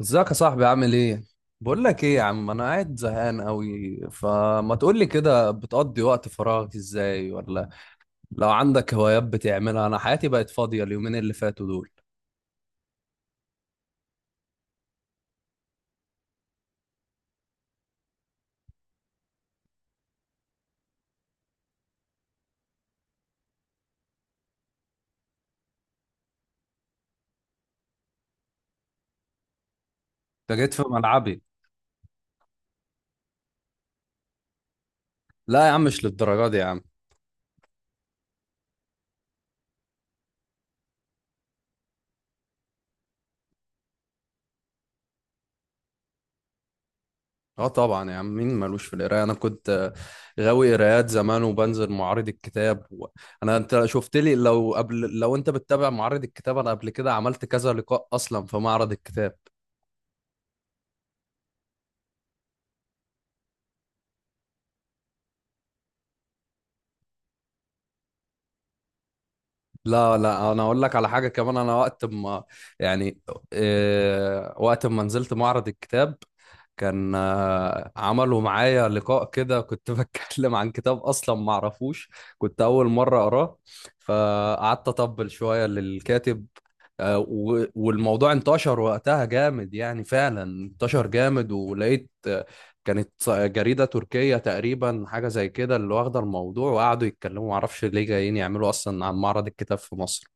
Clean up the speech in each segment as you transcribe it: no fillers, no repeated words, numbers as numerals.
ازيك يا صاحبي عامل ايه؟ بقول لك ايه يا عم، انا قاعد زهقان قوي. فما تقول لي كده بتقضي وقت فراغك ازاي، ولا لو عندك هوايات بتعملها؟ انا حياتي بقت فاضية اليومين اللي فاتوا دول. انت جيت في ملعبي. لا يا عم، مش للدرجة دي يا عم. اه طبعا يا عم، مين مالوش في القراية؟ انا كنت غاوي قرايات زمان، وبنزل معارض الكتاب. و... انا انت شفت لي، لو انت بتتابع معارض الكتاب، انا قبل كده عملت كذا لقاء اصلا في معرض الكتاب. لا لا، انا اقول لك على حاجه كمان. انا وقت ما يعني، وقت ما نزلت معرض الكتاب، كان عملوا معايا لقاء كده، كنت بتكلم عن كتاب اصلا ما اعرفوش، كنت اول مره اقراه. فقعدت اطبل شويه للكاتب. والموضوع انتشر وقتها جامد، يعني فعلا انتشر جامد. ولقيت كانت جريدة تركية تقريبا، حاجة زي كده اللي واخدة الموضوع، وقعدوا يتكلموا، معرفش ليه جايين يعملوا أصلا عن معرض الكتاب في مصر.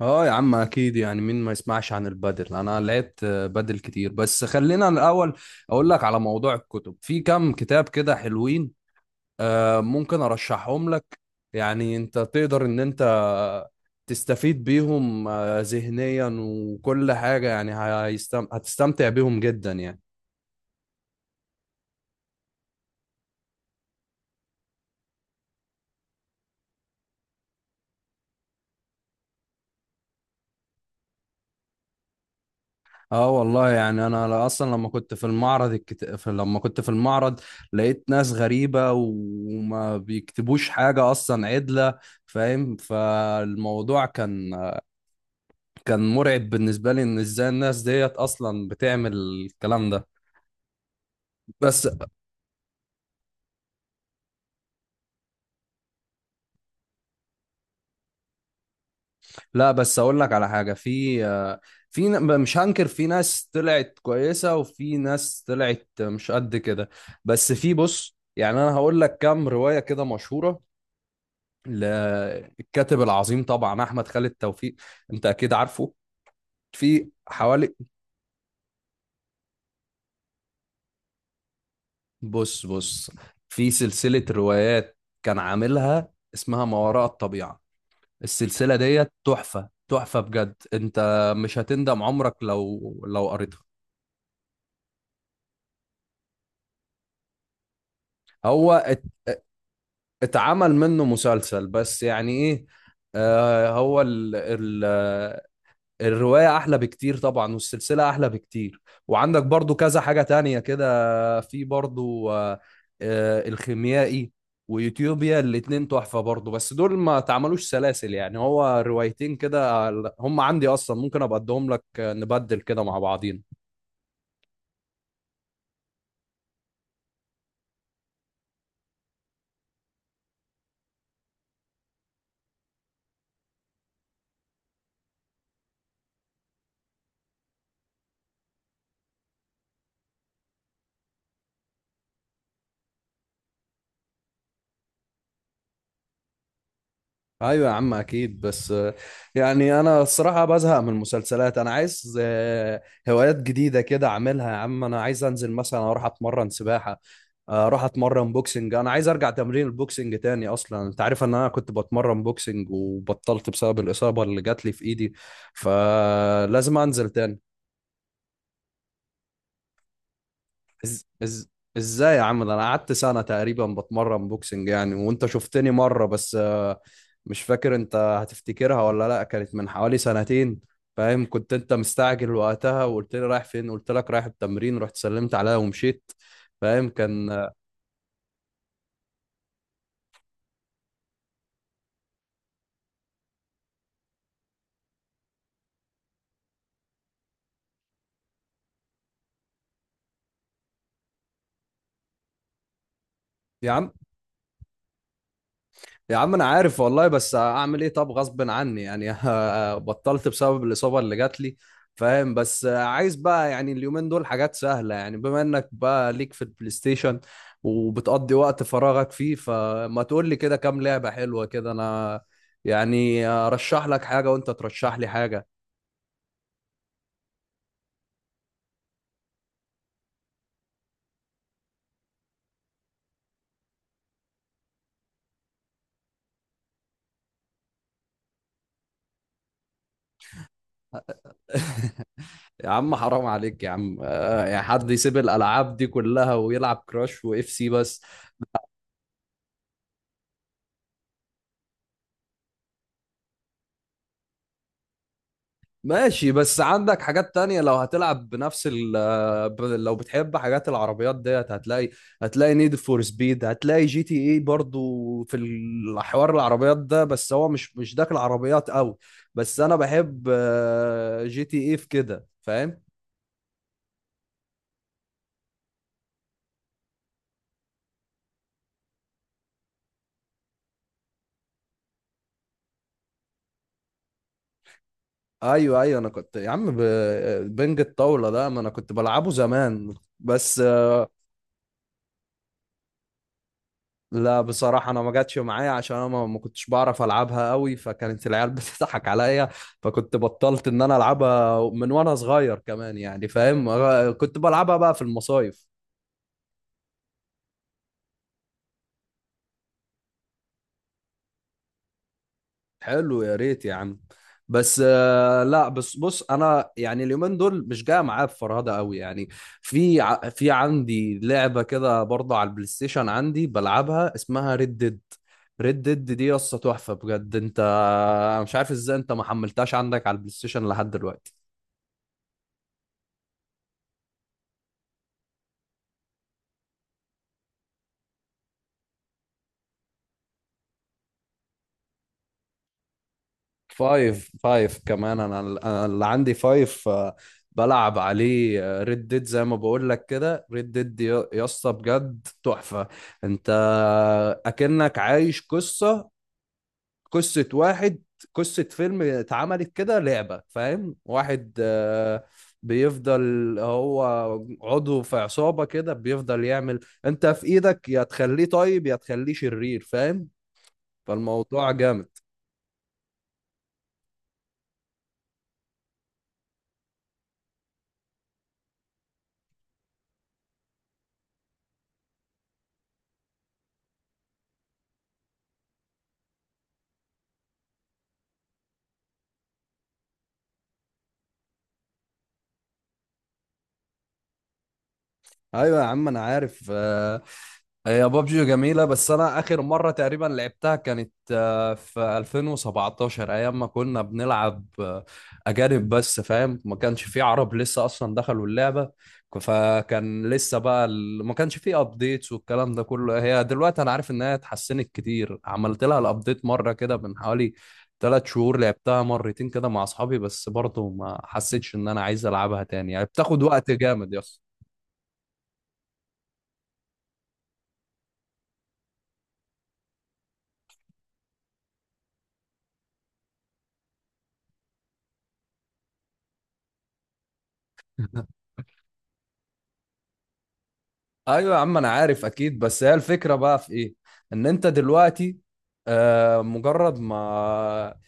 اه يا عم اكيد، يعني مين ما يسمعش عن البدل. انا لقيت بدل كتير، بس خلينا الاول اقول لك على موضوع الكتب. في كام كتاب كده حلوين، ممكن ارشحهم لك، يعني انت تقدر ان انت تستفيد بيهم ذهنيا وكل حاجة. يعني هتستمتع بيهم جدا يعني. اه والله، يعني انا اصلا لما كنت في المعرض، لقيت ناس غريبة وما بيكتبوش حاجة اصلا عدلة، فاهم. فالموضوع كان مرعب بالنسبة لي ان ازاي الناس ديت اصلا بتعمل الكلام ده. بس، لا بس اقول لك على حاجة. مش هنكر، في ناس طلعت كويسة وفي ناس طلعت مش قد كده. بس في بص، يعني انا هقول لك كام رواية كده مشهورة، للكاتب العظيم طبعا احمد خالد توفيق. انت اكيد عارفه. في حوالي بص بص، في سلسله روايات كان عاملها، اسمها ما وراء الطبيعه. السلسله ديت تحفه تحفه بجد. انت مش هتندم عمرك لو قريتها. هو اتعمل منه مسلسل، بس يعني ايه؟ آه هو ال... ال... الرواية أحلى بكتير طبعا، والسلسلة أحلى بكتير. وعندك برضو كذا حاجة تانية كده، في برضو الخيميائي ويوتيوبيا. الاتنين تحفة برضو، بس دول ما تعملوش سلاسل، يعني هو روايتين كده. هم عندي أصلا، ممكن أبقى أديهم لك، نبدل كده مع بعضينا. ايوه يا عم اكيد، بس يعني انا الصراحه بزهق من المسلسلات. انا عايز هوايات جديده كده اعملها يا عم. انا عايز انزل مثلا، اروح اتمرن سباحه، اروح اتمرن بوكسنج. انا عايز ارجع تمرين البوكسنج تاني، اصلا انت عارف ان انا كنت بتمرن بوكسنج وبطلت بسبب الاصابه اللي جات لي في ايدي، فلازم انزل تاني. إز... إز... ازاي يا عم؟ ده انا قعدت سنة تقريبا بتمرن بوكسنج يعني، وانت شفتني مرة بس مش فاكر انت هتفتكرها ولا لا. كانت من حوالي سنتين، فاهم. كنت انت مستعجل وقتها، وقلت لي رايح فين، قلت لك رايح التمرين، رحت سلمت عليها ومشيت. فاهم كان. يا عم يا عم انا عارف والله، بس اعمل ايه؟ طب غصب عني يعني. بطلت بسبب الاصابه اللي جات لي، فاهم. بس عايز بقى، يعني اليومين دول حاجات سهله. يعني بما انك بقى ليك في البلاي ستيشن وبتقضي وقت فراغك فيه، فما تقول لي كده كام لعبه حلوه كده، انا يعني ارشح لك حاجه وانت ترشح لي حاجه. يا عم حرام عليك يا عم، يعني حد يسيب الالعاب دي كلها ويلعب كراش واف سي بس؟ ماشي، بس عندك حاجات تانية. لو هتلعب بنفس لو بتحب حاجات العربيات ديت، هتلاقي، نيد فور سبيد، هتلاقي جي تي اي برضو في الحوار العربيات ده، بس هو مش داخل عربيات قوي. بس انا بحب جي تي اي في كده، فاهم. ايوه ايوه، انا كنت يا عم بنج الطاولة ده، ما انا كنت بلعبه زمان. بس لا بصراحة، أنا ما جاتش معايا عشان أنا ما كنتش بعرف ألعبها قوي، فكانت العيال بتضحك عليا. فكنت بطلت إن أنا ألعبها من وأنا صغير كمان يعني، فاهم. كنت بلعبها بقى في المصايف. حلو، يا ريت يا عم. بس لا بس بص، انا يعني اليومين دول مش جاي معايا بفرهده قوي يعني. في عندي لعبه كده برضه على البلاي ستيشن، عندي بلعبها، اسمها ريد ديد. ريد ديد دي قصه تحفه بجد. أنا مش عارف ازاي انت ما حملتهاش عندك على البلاي ستيشن لحد دلوقتي. فايف فايف كمان، انا اللي عندي فايف. بلعب عليه ريد ديد، زي ما بقول لك كده. ريد ديد يا اسطى بجد تحفة. انت اكنك عايش قصة واحد قصة فيلم اتعملت كده لعبة، فاهم. واحد بيفضل، هو عضو في عصابة كده، بيفضل يعمل، انت في ايدك، يا تخليه طيب يا تخليه شرير، فاهم. فالموضوع جامد. ايوه يا عم انا عارف، هي بابجي جميلة. بس أنا آخر مرة تقريبا لعبتها كانت في 2017، أيام ما كنا بنلعب أجانب بس، فاهم. ما كانش في عرب لسه أصلا دخلوا اللعبة، فكان لسه بقى ما كانش في أبديتس والكلام ده كله. هي دلوقتي أنا عارف إنها اتحسنت كتير، عملت لها الأبديت مرة كده من حوالي 3 شهور، لعبتها مرتين كده مع أصحابي، بس برضه ما حسيتش إن أنا عايز ألعبها تاني يعني، بتاخد وقت جامد يا... ايوه يا عم انا عارف اكيد، بس هي الفكره بقى في ايه؟ ان انت دلوقتي مجرد ما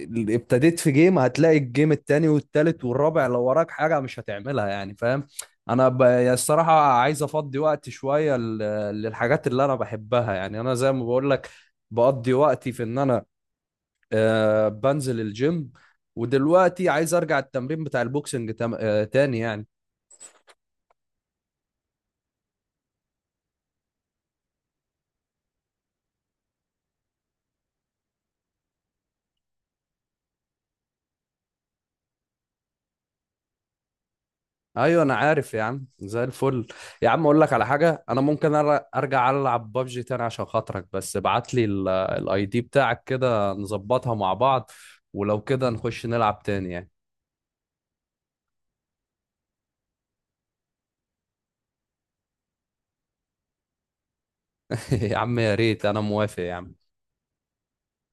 ابتديت في جيم، هتلاقي الجيم التاني والتالت والرابع، لو وراك حاجه مش هتعملها يعني، فاهم. انا يعني الصراحه عايز افضي وقت شويه للحاجات اللي انا بحبها. يعني انا زي ما بقول لك، بقضي وقتي في ان انا بنزل الجيم. ودلوقتي عايز ارجع التمرين بتاع البوكسنج تم... آه، تاني يعني. ايوه انا عارف يا عم زي الفل. يا عم اقول لك على حاجه، انا ممكن ارجع العب بابجي تاني عشان خاطرك، بس ابعت لي الاي دي بتاعك كده نظبطها مع بعض، ولو كده نخش نلعب تاني يعني. يا عم يا ريت، انا موافق يا عم.